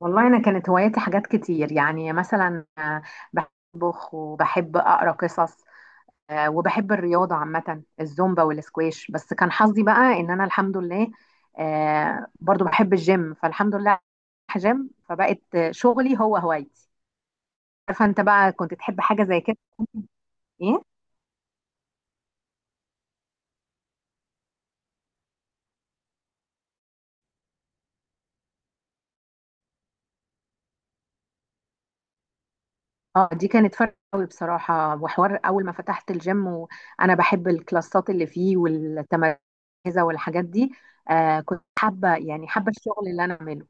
والله أنا كانت هواياتي حاجات كتير يعني مثلا بحب أطبخ وبحب أقرأ قصص، وبحب الرياضة عامة الزومبا والسكواش. بس كان حظي بقى إن أنا الحمد لله، برضو بحب الجيم، فالحمد لله رايحة جيم، فبقت شغلي هو هوايتي. عارفة أنت بقى كنت تحب حاجة زي كده؟ إيه؟ اه، دي كانت فرق قوي بصراحة وحوار أول ما فتحت الجيم، وأنا بحب الكلاسات اللي فيه والتمركزة والحاجات دي. آه، كنت حابة يعني حابة الشغل اللي أنا أعمله.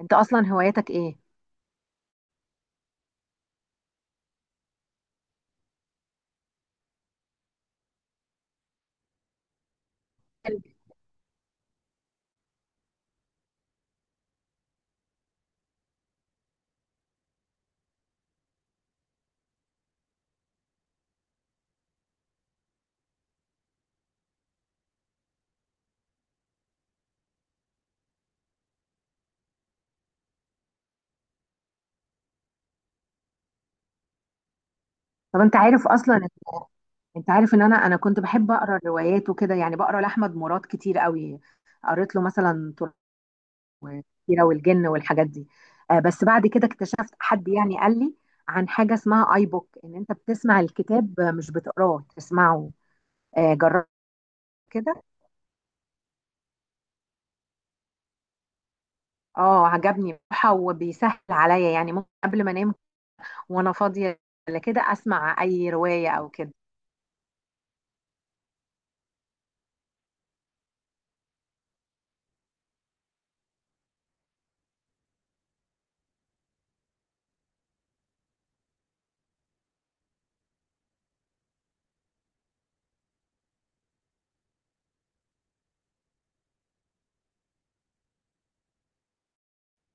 أنت أصلا هواياتك إيه؟ طب أنت عارف أصلا، أنت عارف إن أنا كنت بحب أقرأ الروايات وكده، يعني بقرأ لأحمد مراد كتير قوي. قريت له مثلا والكبيرة والجن والحاجات دي. آه، بس بعد كده اكتشفت حد يعني قال لي عن حاجة اسمها آي بوك، إن أنت بتسمع الكتاب مش بتقراه، تسمعه. جربت كده. اه، عجبني بصراحة وبيسهل عليا، يعني ممكن قبل ما انام وانا فاضية ولا كده اسمع اي رواية او كده.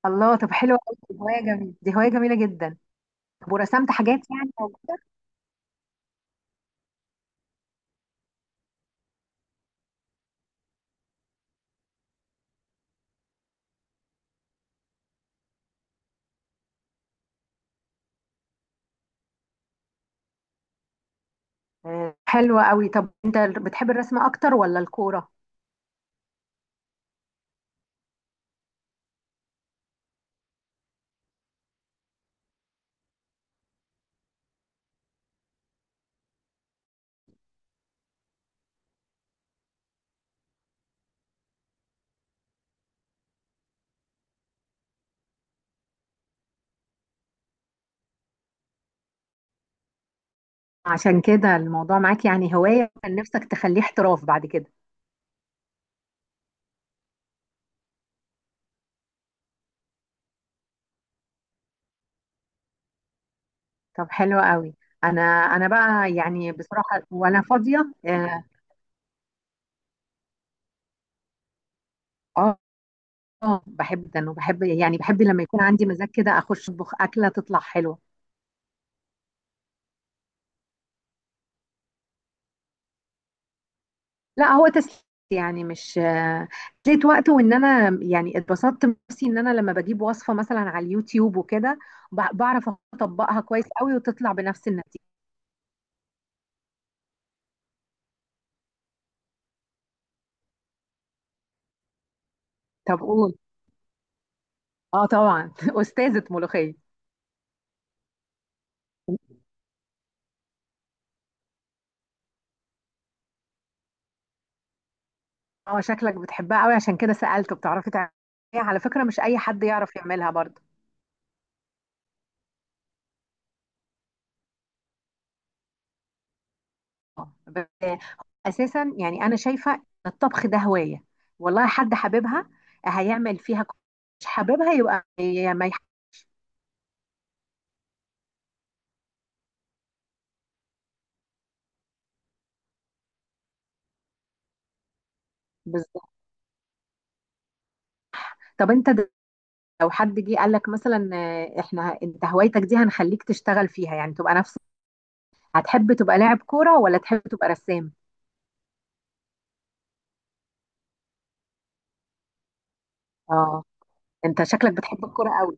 الله، طب حلوة قوي دي، هواية جميلة، دي هواية جميلة جدا. طب ورسمت حاجات يعني؟ حلوة قوي. طب انت بتحب الرسم اكتر ولا الكورة؟ عشان كده الموضوع معاك يعني هواية كان نفسك تخليه احتراف بعد كده؟ طب حلوة قوي. انا بقى يعني بصراحة وانا فاضية. اه، آه، آه، باحب جدًا، وباحب يعني باحب لمّا يكون عندي مزاج كده أخش أطبخ أكلة تطلع حلوة. لأ، هو تسلية، يعني مش تسلية وقت، وإن أنا يعني اتبسطت بنفسي إن أنا لمّا باجيب وصفة مثلًا على اليوتيوب وكده باعرف أطبّقها كويس أوي وتطلع بنفس النتيجة. طب قُل. آه، طبعًا، أستاذة ملوخية. آه، شكلك بتحبها أوي عشان كده سألت، بتعرفي تعمليها، على فكرة مش أي حد يعرف يعملها برضه. ب- اساسا يعني انا شايفه ان الطبخ ده هوايه، والله حد حاببها هيعمل فيها مش حاببها يبقى هي ما بالظبط. طب انت لو حد جه قال لك مثلا احنا، انت هوايتك دي هنخليك تشتغل فيها، يعني تبقى نفس، هتحب تبقى لاعب كوره ولا تحب تبقى رسام؟ اه، انت شكلك بتحب الكوره قوي.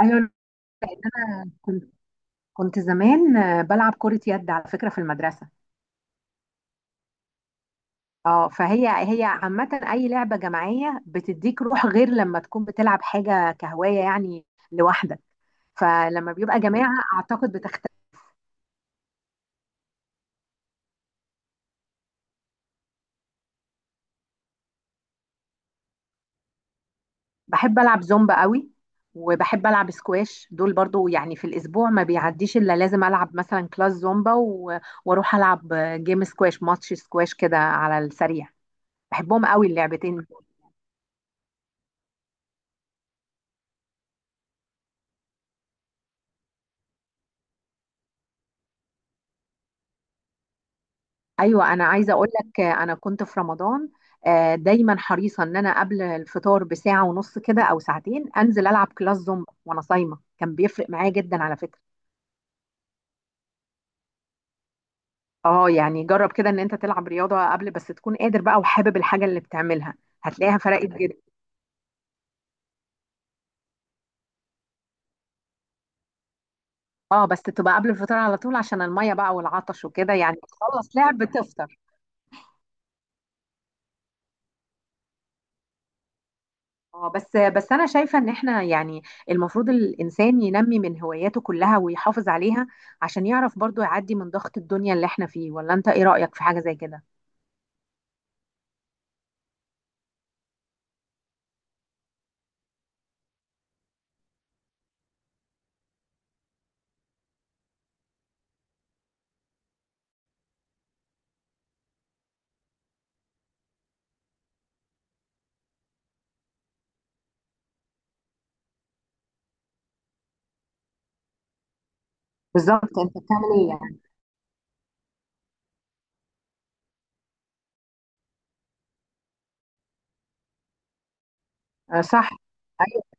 ايوه، لأن انا كنت زمان بلعب كره يد على فكره في المدرسه. اه، فهي عامة أي لعبة جماعية بتديك روح، غير لما تكون بتلعب حاجة كهواية يعني لوحدك، فلما بيبقى جماعة أعتقد بتختلف. بحب ألعب زومبا قوي، وبحب ألعب سكواش، دول برضو يعني في الأسبوع ما بيعديش إلا لازم ألعب مثلا كلاس زومبا وأروح ألعب جيم، سكواش، ماتش سكواش كده على السريع. بحبهم قوي اللعبتين. ايوه، انا عايزه اقول لك، انا كنت في رمضان دايما حريصه ان انا قبل الفطار بساعه ونص كده او ساعتين انزل العب كلاس زومبا وانا صايمه، كان بيفرق معايا جدا على فكره. اه، يعني جرب كده ان انت تلعب رياضه قبل، بس تكون قادر بقى وحابب الحاجه اللي بتعملها، هتلاقيها فرقت جدا. اه، بس تبقى قبل الفطار على طول عشان الميه بقى والعطش وكده، يعني تخلص لعب تفطر. اه، بس انا شايفه ان احنا يعني المفروض الانسان ينمي من هواياته كلها ويحافظ عليها، عشان يعرف برضو يعدي من ضغط الدنيا اللي احنا فيه. ولا انت ايه رايك في حاجه زي كده؟ بالظبط، انت بتعمل ايه يعني. آه، صح. ايوه،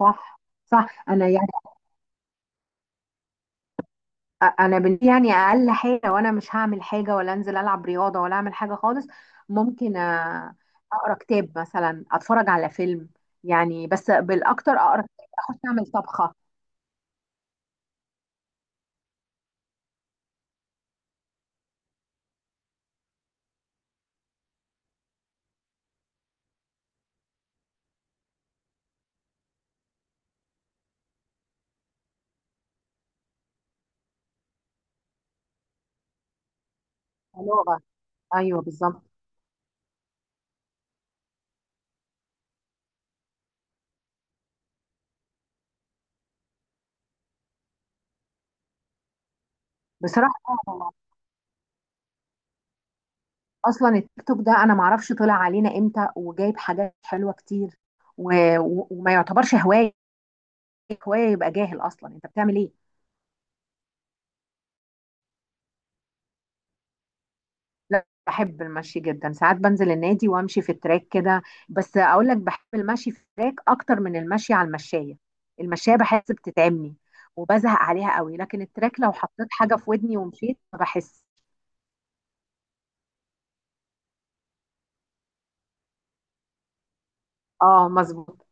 صح، صح. انا يعني انا يعني اقل حاجه، وانا مش هعمل حاجه ولا انزل العب رياضه ولا اعمل حاجه خالص، ممكن اقرا كتاب مثلا، اتفرج على فيلم، يعني بس بالاكتر اقرا كتاب، اخش اعمل طبخه. لغه. ايوه بالظبط. بصراحه آه، اصلا التيك توك ده انا معرفش طلع علينا امتى، وجايب حاجات حلوه كتير و... وما يعتبرش هوايه. هوايه يبقى جاهل، اصلا انت بتعمل ايه؟ لا، بحب المشي جدا، ساعات بنزل النادي وامشي في التراك كده، بس اقول لك بحب المشي في التراك اكتر من المشي على المشايه، المشايه بحس بتتعبني وبزهق عليها قوي، لكن التراك لو حطيت حاجه في ودني ومشيت ما بحس. اه، مظبوط.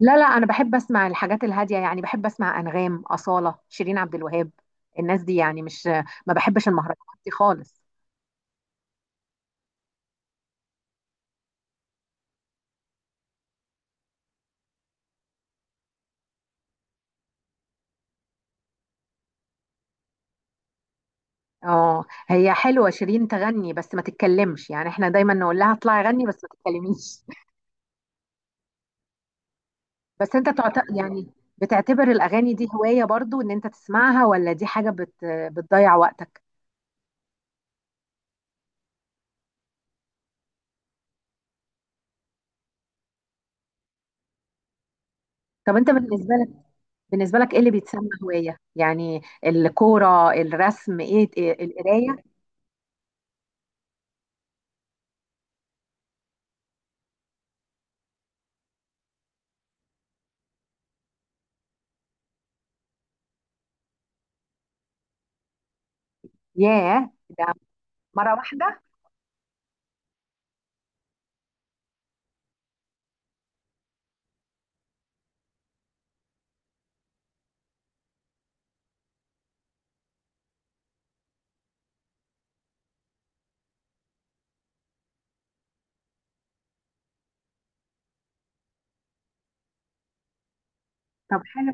لا، لا، انا بحب اسمع الحاجات الهاديه، يعني بحب اسمع انغام، اصاله، شيرين عبد الوهاب، الناس دي يعني، مش ما بحبش المهرجانات دي خالص. اه، هي حلوه شيرين تغني بس ما تتكلمش، يعني احنا دايما نقول لها اطلعي غني بس ما تتكلميش. بس انت يعني بتعتبر الاغاني دي هوايه برضو ان انت تسمعها، ولا دي حاجه بتضيع وقتك؟ طب انت بالنسبه لك ايه اللي بيتسمى هوايه؟ يعني الكوره، الرسم، ايه القرايه. ياه، ده مره واحده؟ طب حلو،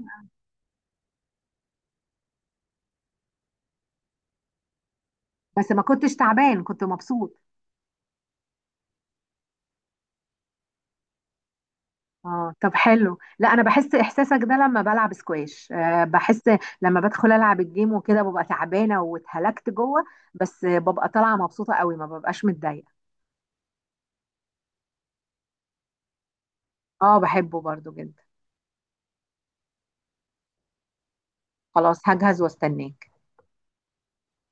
بس ما كنتش تعبان، كنت مبسوط. اه، طب حلو. لا، انا بحس احساسك ده لما بلعب سكواش، بحس لما بدخل العب الجيم وكده ببقى تعبانه واتهلكت جوه، بس ببقى طالعه مبسوطه قوي ما ببقاش متضايقه. اه، بحبه برضو جدا، خلاص هجهز واستناه.